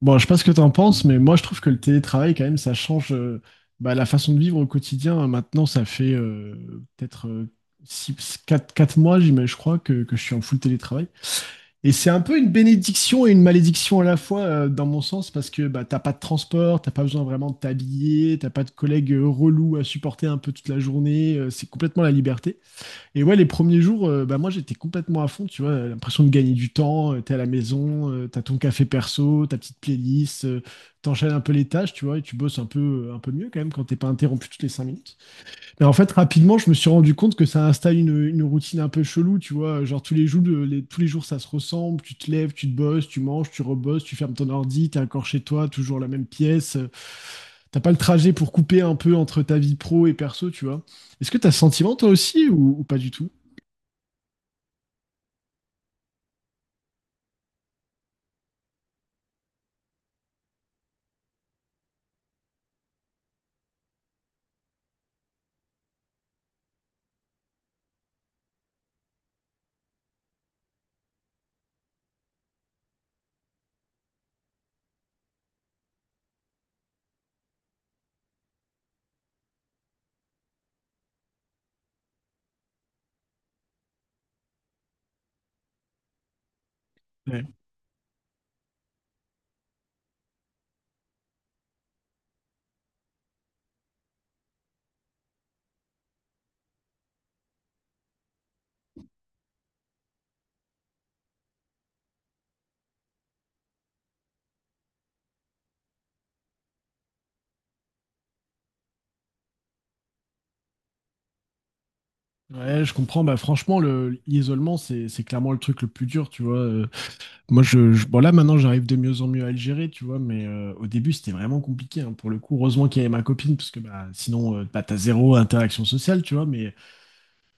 Bon, je sais pas ce que t'en penses, mais moi je trouve que le télétravail, quand même, ça change bah, la façon de vivre au quotidien. Maintenant, ça fait peut-être six, quatre mois, j'imagine, je crois, que je suis en full télétravail. Et c'est un peu une bénédiction et une malédiction à la fois, dans mon sens, parce que bah, t'as pas de transport, t'as pas besoin vraiment de t'habiller, t'as pas de collègues relous à supporter un peu toute la journée, c'est complètement la liberté. Et ouais, les premiers jours, bah moi j'étais complètement à fond, tu vois, l'impression de gagner du temps, t'es à la maison, t'as ton café perso, ta petite playlist, t'enchaînes un peu les tâches, tu vois, et tu bosses un peu mieux quand même quand t'es pas interrompu toutes les 5 minutes. Mais en fait, rapidement, je me suis rendu compte que ça installe une routine un peu chelou, tu vois, genre tous les jours ça se ressemble, tu te lèves, tu te bosses, tu manges, tu rebosses, tu fermes ton ordi, t'es encore chez toi, toujours la même pièce, t'as pas le trajet pour couper un peu entre ta vie pro et perso, tu vois. Est-ce que t'as ce sentiment toi aussi ou pas du tout? Ouais. Ouais, je comprends. Bah, franchement, l'isolement, c'est clairement le truc le plus dur, tu vois. Bon, là, maintenant, j'arrive de mieux en mieux à le gérer, tu vois, mais au début, c'était vraiment compliqué, hein, pour le coup. Heureusement qu'il y avait ma copine, parce que bah, sinon, bah, t'as zéro interaction sociale, tu vois. Mais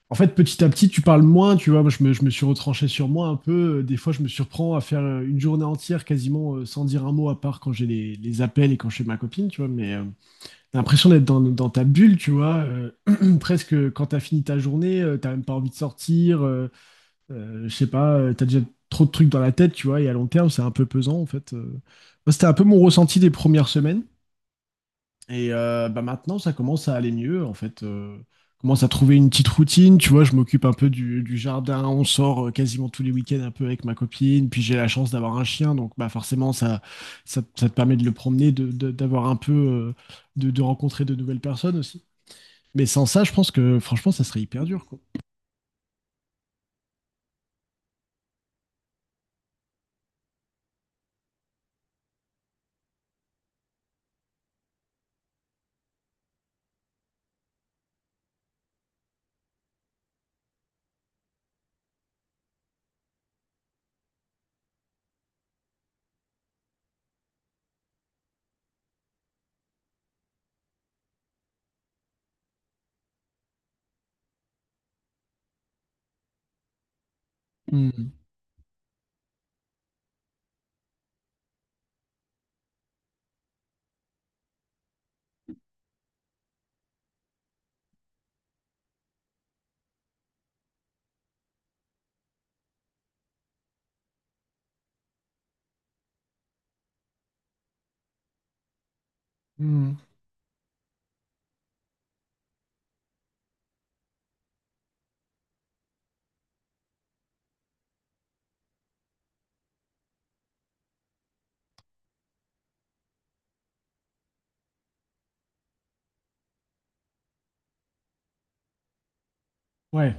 en fait, petit à petit, tu parles moins, tu vois. Moi, je me suis retranché sur moi un peu. Des fois, je me surprends à faire une journée entière quasiment sans dire un mot, à part quand j'ai les appels et quand je suis avec ma copine, tu vois. T'as l'impression d'être dans ta bulle, tu vois. Presque quand t'as fini ta journée, t'as même pas envie de sortir. Je sais pas, t'as déjà trop de trucs dans la tête, tu vois. Et à long terme, c'est un peu pesant, en fait. Moi, c'était un peu mon ressenti des premières semaines. Et bah maintenant, ça commence à aller mieux, en fait. Commence à trouver une petite routine. Tu vois, je m'occupe un peu du jardin. On sort quasiment tous les week-ends un peu avec ma copine. Puis j'ai la chance d'avoir un chien. Donc bah forcément, ça te permet de le promener, d'avoir un peu, de rencontrer de nouvelles personnes aussi. Mais sans ça, je pense que franchement, ça serait hyper dur, quoi. Mhm. Mhm. Ouais.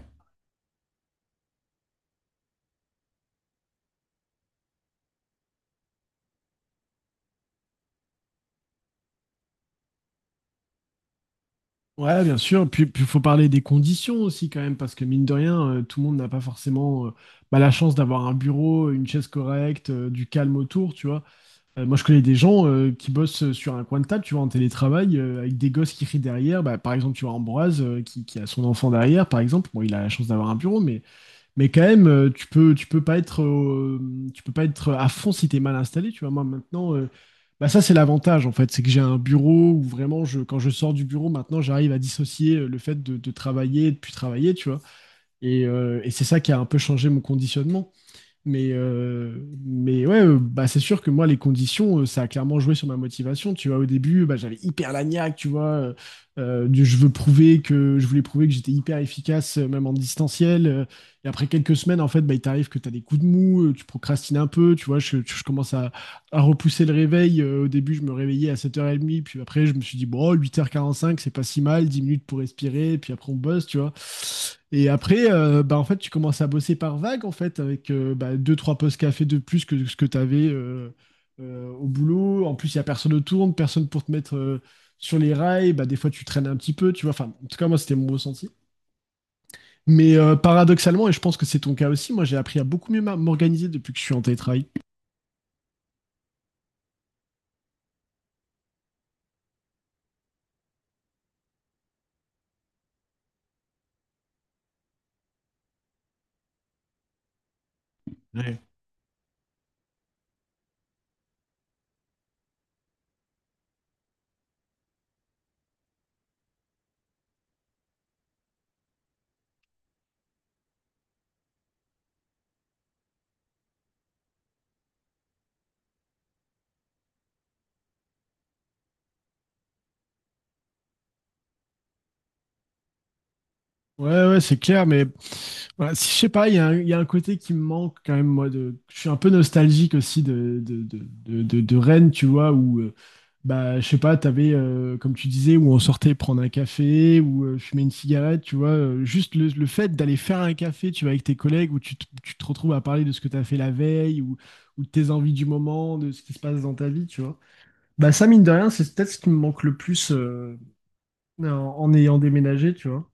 Ouais, bien sûr. Puis il faut parler des conditions aussi quand même, parce que mine de rien, tout le monde n'a pas forcément bah, la chance d'avoir un bureau, une chaise correcte, du calme autour, tu vois. Moi, je connais des gens qui bossent sur un coin de table, tu vois, en télétravail, avec des gosses qui crient derrière. Bah, par exemple, tu vois Ambroise, qui a son enfant derrière, par exemple. Bon, il a la chance d'avoir un bureau, mais quand même, tu peux pas être à fond si t'es mal installé. Tu vois, moi maintenant, bah ça c'est l'avantage en fait, c'est que j'ai un bureau où vraiment, quand je sors du bureau, maintenant j'arrive à dissocier le fait de travailler et de plus travailler, tu vois. Et c'est ça qui a un peu changé mon conditionnement. Mais, euh, mais ouais, bah, c'est sûr que moi, les conditions, ça a clairement joué sur ma motivation. Tu vois, au début, bah, j'avais hyper la niaque, tu vois. Du, je veux prouver que, je voulais prouver que j'étais hyper efficace, même en distanciel. Et après quelques semaines, en fait, bah, il t'arrive que tu as des coups de mou, tu procrastines un peu, tu vois. Je commence à repousser le réveil. Au début, je me réveillais à 7h30, puis après, je me suis dit, bon, 8h45 c'est pas si mal, 10 minutes pour respirer, puis après, on bosse, tu vois. Et après, bah, en fait, tu commences à bosser par vague, en fait, avec bah, deux, trois postes café de plus que ce que tu avais au boulot. En plus, il n'y a personne autour, personne pour te mettre sur les rails. Bah, des fois, tu traînes un petit peu, tu vois. Enfin, en tout cas, moi, c'était mon ressenti. Mais paradoxalement, et je pense que c'est ton cas aussi, moi, j'ai appris à beaucoup mieux m'organiser depuis que je suis en télétravail. Ouais. Ouais, ouais, c'est clair, mais voilà, si, je sais pas, il y a un côté qui me manque quand même, moi. Je suis un peu nostalgique aussi de Rennes, tu vois, où, bah, je sais pas, t'avais, comme tu disais, où on sortait prendre un café, ou fumer une cigarette, tu vois. Juste le fait d'aller faire un café, tu vois, avec tes collègues, où tu te retrouves à parler de ce que t'as fait la veille, ou de tes envies du moment, de ce qui se passe dans ta vie, tu vois. Bah, ça, mine de rien, c'est peut-être ce qui me manque le plus en ayant déménagé, tu vois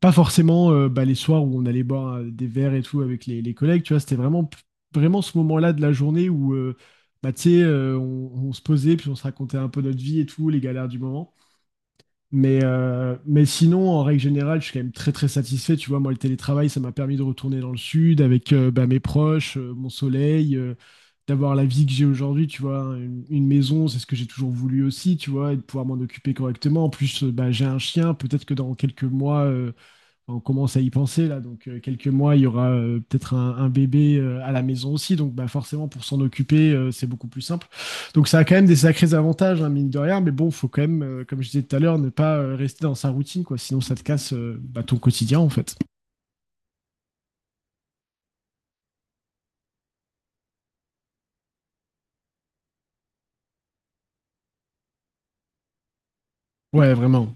pas forcément bah, les soirs où on allait boire des verres et tout avec les collègues, tu vois, c'était vraiment, vraiment ce moment-là de la journée où, bah, tu sais, on se posait, puis on se racontait un peu notre vie et tout, les galères du moment. Mais sinon, en règle générale, je suis quand même très, très satisfait. Tu vois, moi, le télétravail, ça m'a permis de retourner dans le sud avec bah, mes proches, mon soleil, d'avoir la vie que j'ai aujourd'hui, tu vois, hein, une maison, c'est ce que j'ai toujours voulu aussi, tu vois, et de pouvoir m'en occuper correctement. En plus, bah, j'ai un chien, peut-être que dans quelques mois on commence à y penser là. Donc quelques mois, il y aura peut-être un bébé à la maison aussi. Donc bah, forcément, pour s'en occuper, c'est beaucoup plus simple. Donc ça a quand même des sacrés avantages, hein, mine de rien. Mais bon, faut quand même, comme je disais tout à l'heure, ne pas rester dans sa routine, quoi. Sinon, ça te casse bah, ton quotidien, en fait. Ouais, vraiment.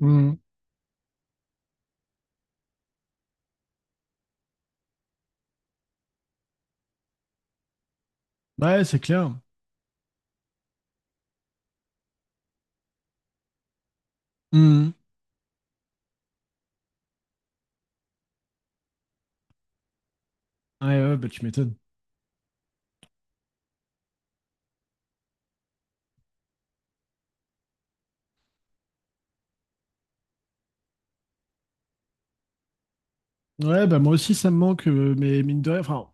Mhm. Ouais, c'est clair. Mhm. Ouais, ouais, bah, tu m'étonnes. Ouais, bah moi aussi ça me manque, mais mine de rien, enfin,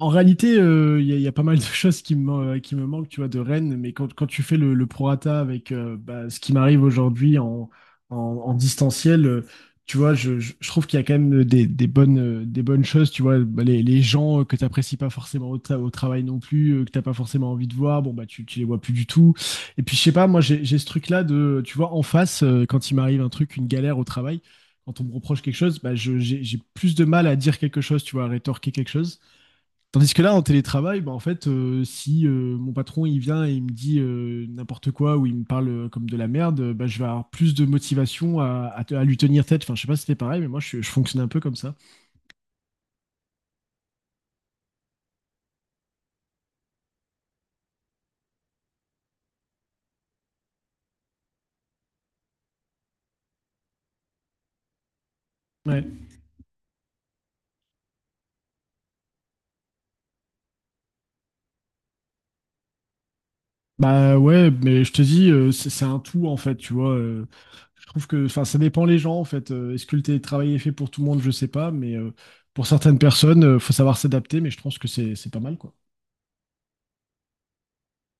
en réalité, il y a pas mal de choses qui me, qui me manquent, tu vois, de Rennes, mais quand tu fais le prorata avec bah, ce qui m'arrive aujourd'hui en, en distanciel, tu vois, je trouve qu'il y a quand même des bonnes choses, tu vois, bah, les gens que tu n'apprécies pas forcément au travail non plus, que tu n'as pas forcément envie de voir, bon, bah, tu les vois plus du tout. Et puis, je sais pas, moi, j'ai ce truc-là de, tu vois, en face, quand il m'arrive un truc, une galère au travail, quand on me reproche quelque chose, bah, j'ai plus de mal à dire quelque chose, tu vois, à rétorquer quelque chose. Tandis que là, en télétravail, bah, en fait, si mon patron il vient et il me dit n'importe quoi ou il me parle comme de la merde, bah, je vais avoir plus de motivation à lui tenir tête. Enfin, je sais pas si c'était pareil, mais moi, je fonctionnais un peu comme ça. Ouais. Bah ouais, mais je te dis, c'est un tout en fait, tu vois. Je trouve que, enfin, ça dépend les gens en fait. Est-ce que le télétravail est fait pour tout le monde? Je sais pas, mais pour certaines personnes, faut savoir s'adapter. Mais je pense que c'est pas mal, quoi.